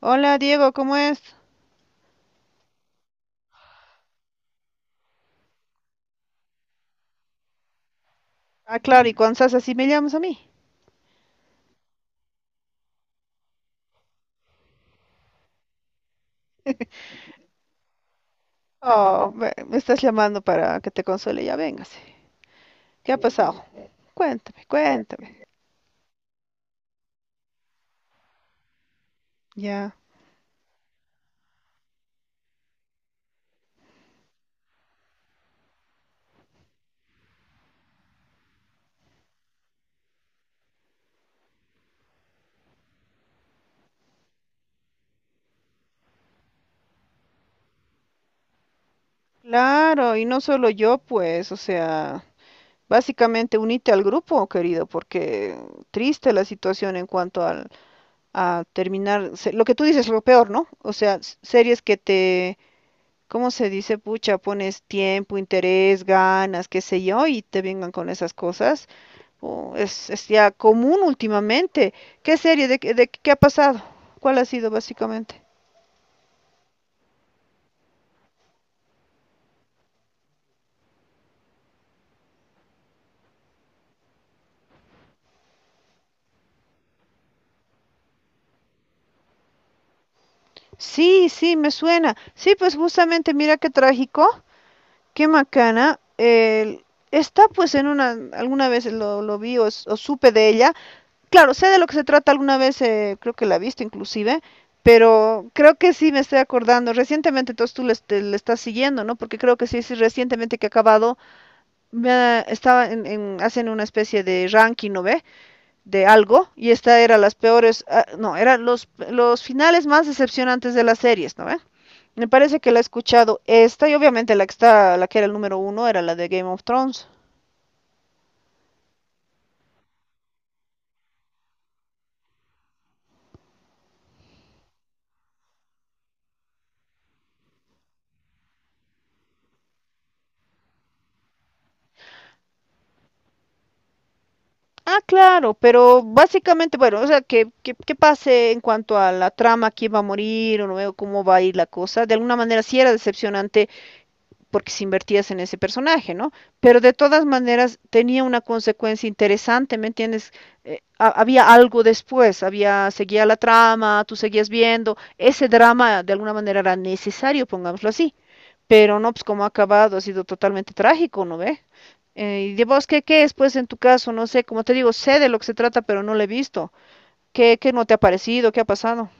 Hola Diego, ¿cómo es? Ah, claro, y cuando estás así me llamas a mí. Oh, me estás llamando para que te console, ya véngase. ¿Qué ha pasado? Cuéntame, cuéntame. Ya. Claro, y no solo yo, pues, o sea, básicamente unite al grupo, querido, porque triste la situación en cuanto al, a terminar, lo que tú dices es lo peor, ¿no? O sea, series que te, ¿cómo se dice, pucha? Pones tiempo, interés, ganas, qué sé yo, y te vengan con esas cosas. Oh, es ya común últimamente. ¿Qué serie? ¿De, de qué ha pasado? ¿Cuál ha sido básicamente? Sí, sí, me suena. Sí, pues justamente, mira qué trágico, qué macana. El- está pues en una, alguna vez lo vi o, o supe de ella. Claro, sé de lo que se trata alguna vez, creo que la he visto inclusive, pero creo que sí me estoy acordando. Recientemente, entonces tú le, le estás siguiendo, ¿no? Porque creo que sí, sí, recientemente que ha acabado, estaba en, hacen una especie de ranking, ¿no ve? De algo y esta era las peores, no, eran los finales más decepcionantes de las series, ¿no ve? ¿Eh? Me parece que la he escuchado esta y obviamente la que está, la que era el número uno era la de Game of Thrones. Ah, claro, pero básicamente, bueno, o sea, que pase en cuanto a la trama, quién va a morir, o no veo cómo va a ir la cosa. De alguna manera sí era decepcionante porque si invertías en ese personaje, ¿no? Pero de todas maneras tenía una consecuencia interesante, ¿me entiendes? Había algo después, había, seguía la trama, tú seguías viendo, ese drama de alguna manera era necesario, pongámoslo así, pero no, pues como ha acabado, ha sido totalmente trágico, ¿no ve? ¿Y de vos qué, qué es, pues, en tu caso? No sé, como te digo, sé de lo que se trata, pero no lo he visto. ¿Qué, qué no te ha parecido? ¿Qué ha pasado?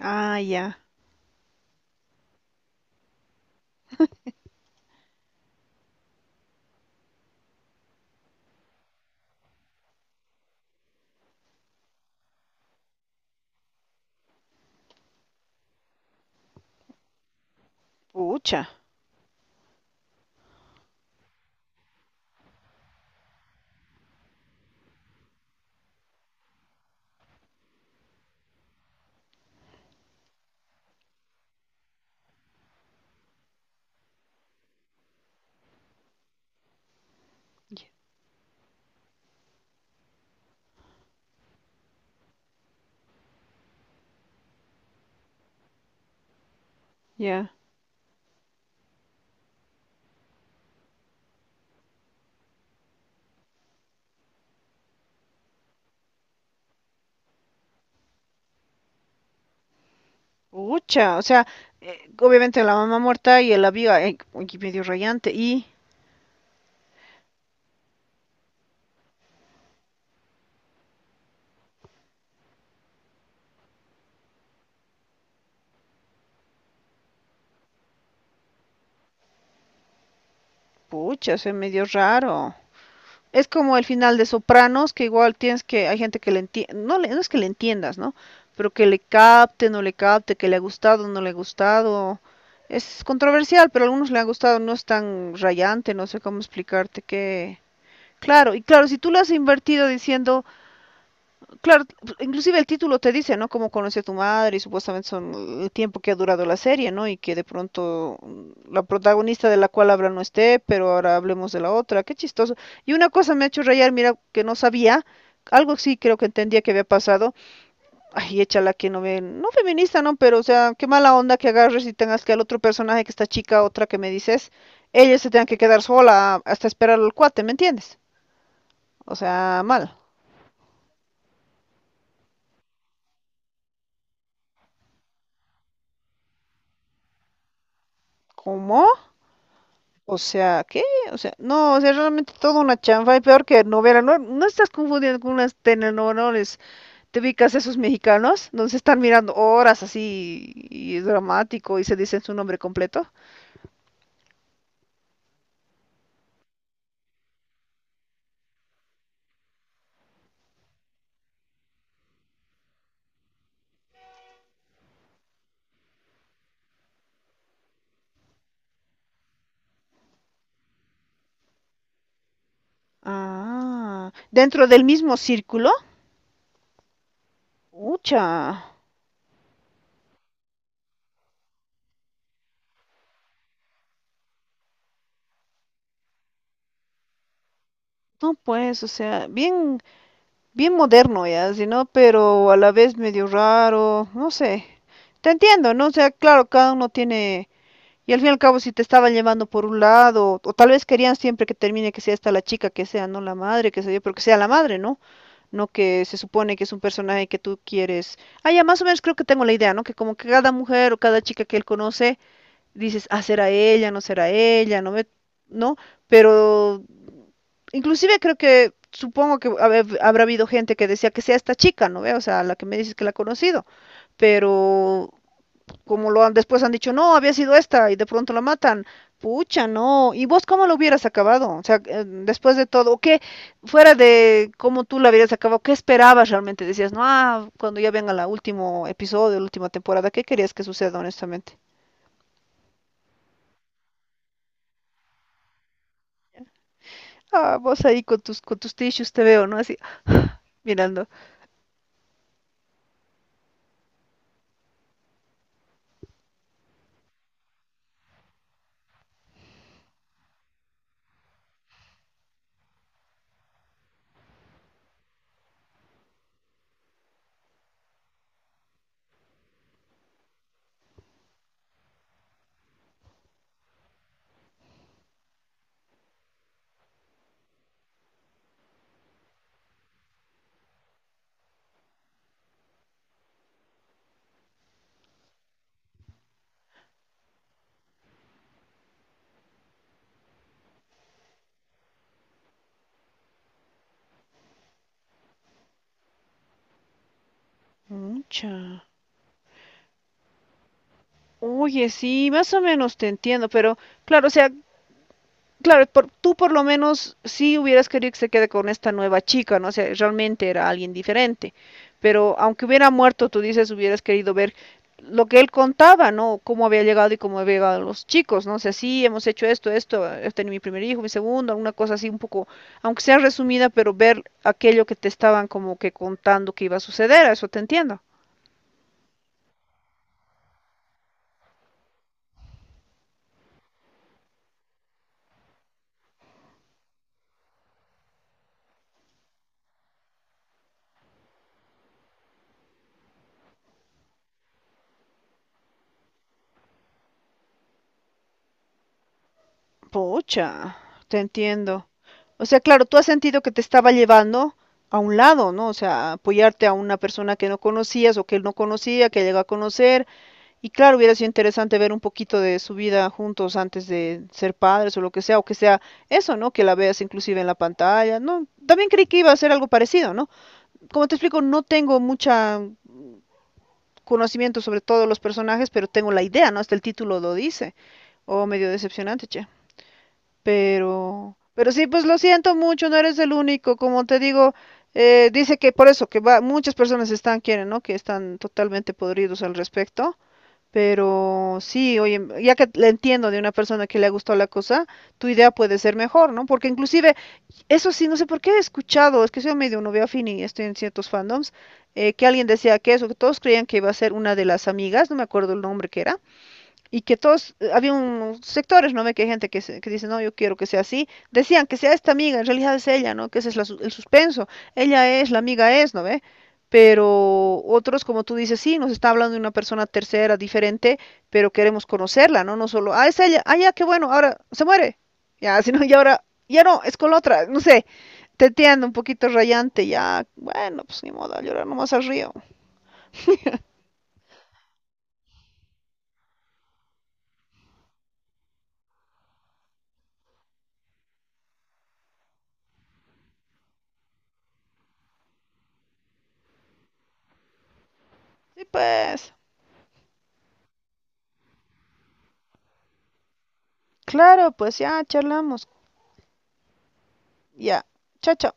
Ah, ya. Pucha. Ya. Pucha, o sea, obviamente la mamá muerta y el avión, medio rayante, y pucha, se medio raro. Es como el final de Sopranos, que igual tienes que, hay gente que le entiende, no, no es que le entiendas, ¿no? Pero que le capte, no le capte, que le ha gustado, no le ha gustado. Es controversial, pero a algunos le ha gustado, no es tan rayante, no sé cómo explicarte que... Claro, y claro, si tú le has invertido diciendo, claro, inclusive el título te dice, ¿no? Cómo conocí a tu madre y supuestamente son el tiempo que ha durado la serie, ¿no? Y que de pronto la protagonista de la cual habla no esté, pero ahora hablemos de la otra. Qué chistoso. Y una cosa me ha hecho rayar, mira, que no sabía, algo sí creo que entendía que había pasado. Ay, échala que no ve, no feminista, ¿no? Pero, o sea, qué mala onda que agarres y tengas que al otro personaje, que esta chica, otra que me dices, ella se tenga que quedar sola hasta esperar al cuate, ¿me entiendes? O sea, mal. ¿Cómo? O sea, ¿qué? O sea, no, o sea, realmente toda una chanfa y peor que novela. No, no estás confundiendo con unas telenovelas. Te ubicas esos mexicanos donde se están mirando horas así y es dramático y se dicen su nombre completo. Ah, dentro del mismo círculo. Ucha. No, pues, o sea, bien moderno ya, si no, pero a la vez medio raro, no sé. Te entiendo, ¿no? O sea, claro, cada uno tiene. Y al fin y al cabo, si te estaban llevando por un lado, o tal vez querían siempre que termine que sea esta la chica, que sea, no la madre, que sea yo, pero que sea la madre, ¿no? No que se supone que es un personaje que tú quieres. Ah, ya más o menos creo que tengo la idea, ¿no? Que como que cada mujer o cada chica que él conoce, dices, ah, será ella, no me, ¿no? Pero inclusive creo que, supongo que habrá habido gente que decía que sea esta chica, ¿no ve? O sea, la que me dices que la ha conocido, pero como lo han, después han dicho, no, había sido esta y de pronto la matan. Pucha, no. ¿Y vos cómo lo hubieras acabado? O sea, después de todo, ¿o ¿qué, fuera de cómo tú la hubieras acabado, qué esperabas realmente? Decías, no, ah, cuando ya venga el último episodio, la última temporada, ¿qué querías que suceda, honestamente? Ah, vos ahí con tus tissues te veo, ¿no? Así, mirando. Pucha. Oye, sí, más o menos te entiendo, pero claro, o sea, claro, tú por lo menos sí hubieras querido que se quede con esta nueva chica, ¿no? O sea, realmente era alguien diferente. Pero aunque hubiera muerto, tú dices, hubieras querido ver lo que él contaba, ¿no? Cómo había llegado y cómo había llegado los chicos, ¿no? O sea, sí, hemos hecho esto, esto, he tenido mi primer hijo, mi segundo, alguna cosa así un poco, aunque sea resumida, pero ver aquello que te estaban como que contando que iba a suceder, a eso te entiendo. Pucha, te entiendo. O sea, claro, tú has sentido que te estaba llevando a un lado, ¿no? O sea, apoyarte a una persona que no conocías o que él no conocía, que llegó a conocer. Y claro, hubiera sido interesante ver un poquito de su vida juntos antes de ser padres o lo que sea, o que sea eso, ¿no? Que la veas inclusive en la pantalla, ¿no? También creí que iba a ser algo parecido, ¿no? Como te explico, no tengo mucha conocimiento sobre todos los personajes, pero tengo la idea, ¿no? Hasta el título lo dice. Oh, medio decepcionante, che. Pero sí, pues lo siento mucho, no eres el único, como te digo, dice que por eso, que va, muchas personas están, quieren, ¿no? Que están totalmente podridos al respecto, pero sí, oye, ya que le entiendo de una persona que le ha gustado la cosa, tu idea puede ser mejor, ¿no? Porque inclusive, eso sí, no sé por qué he escuchado, es que soy medio novia fin y estoy en ciertos fandoms, que alguien decía que eso, que todos creían que iba a ser una de las amigas, no me acuerdo el nombre que era, y que todos, había unos sectores, ¿no ve? Que hay gente que, que dice, no, yo quiero que sea así. Decían que sea esta amiga, en realidad es ella, ¿no? Que ese es la el suspenso. Ella es, la amiga es, ¿no ve? Pero otros, como tú dices, sí, nos está hablando de una persona tercera, diferente, pero queremos conocerla, ¿no? No solo, ah, es ella, ah, ya, qué bueno, ahora se muere. Ya, si no, y ahora, ya no, es con la otra, no sé. Te entiendo, un poquito rayante, ya. Bueno, pues ni modo, a llorar nomás al río. Y pues, claro, pues ya charlamos. Ya, chao, chao.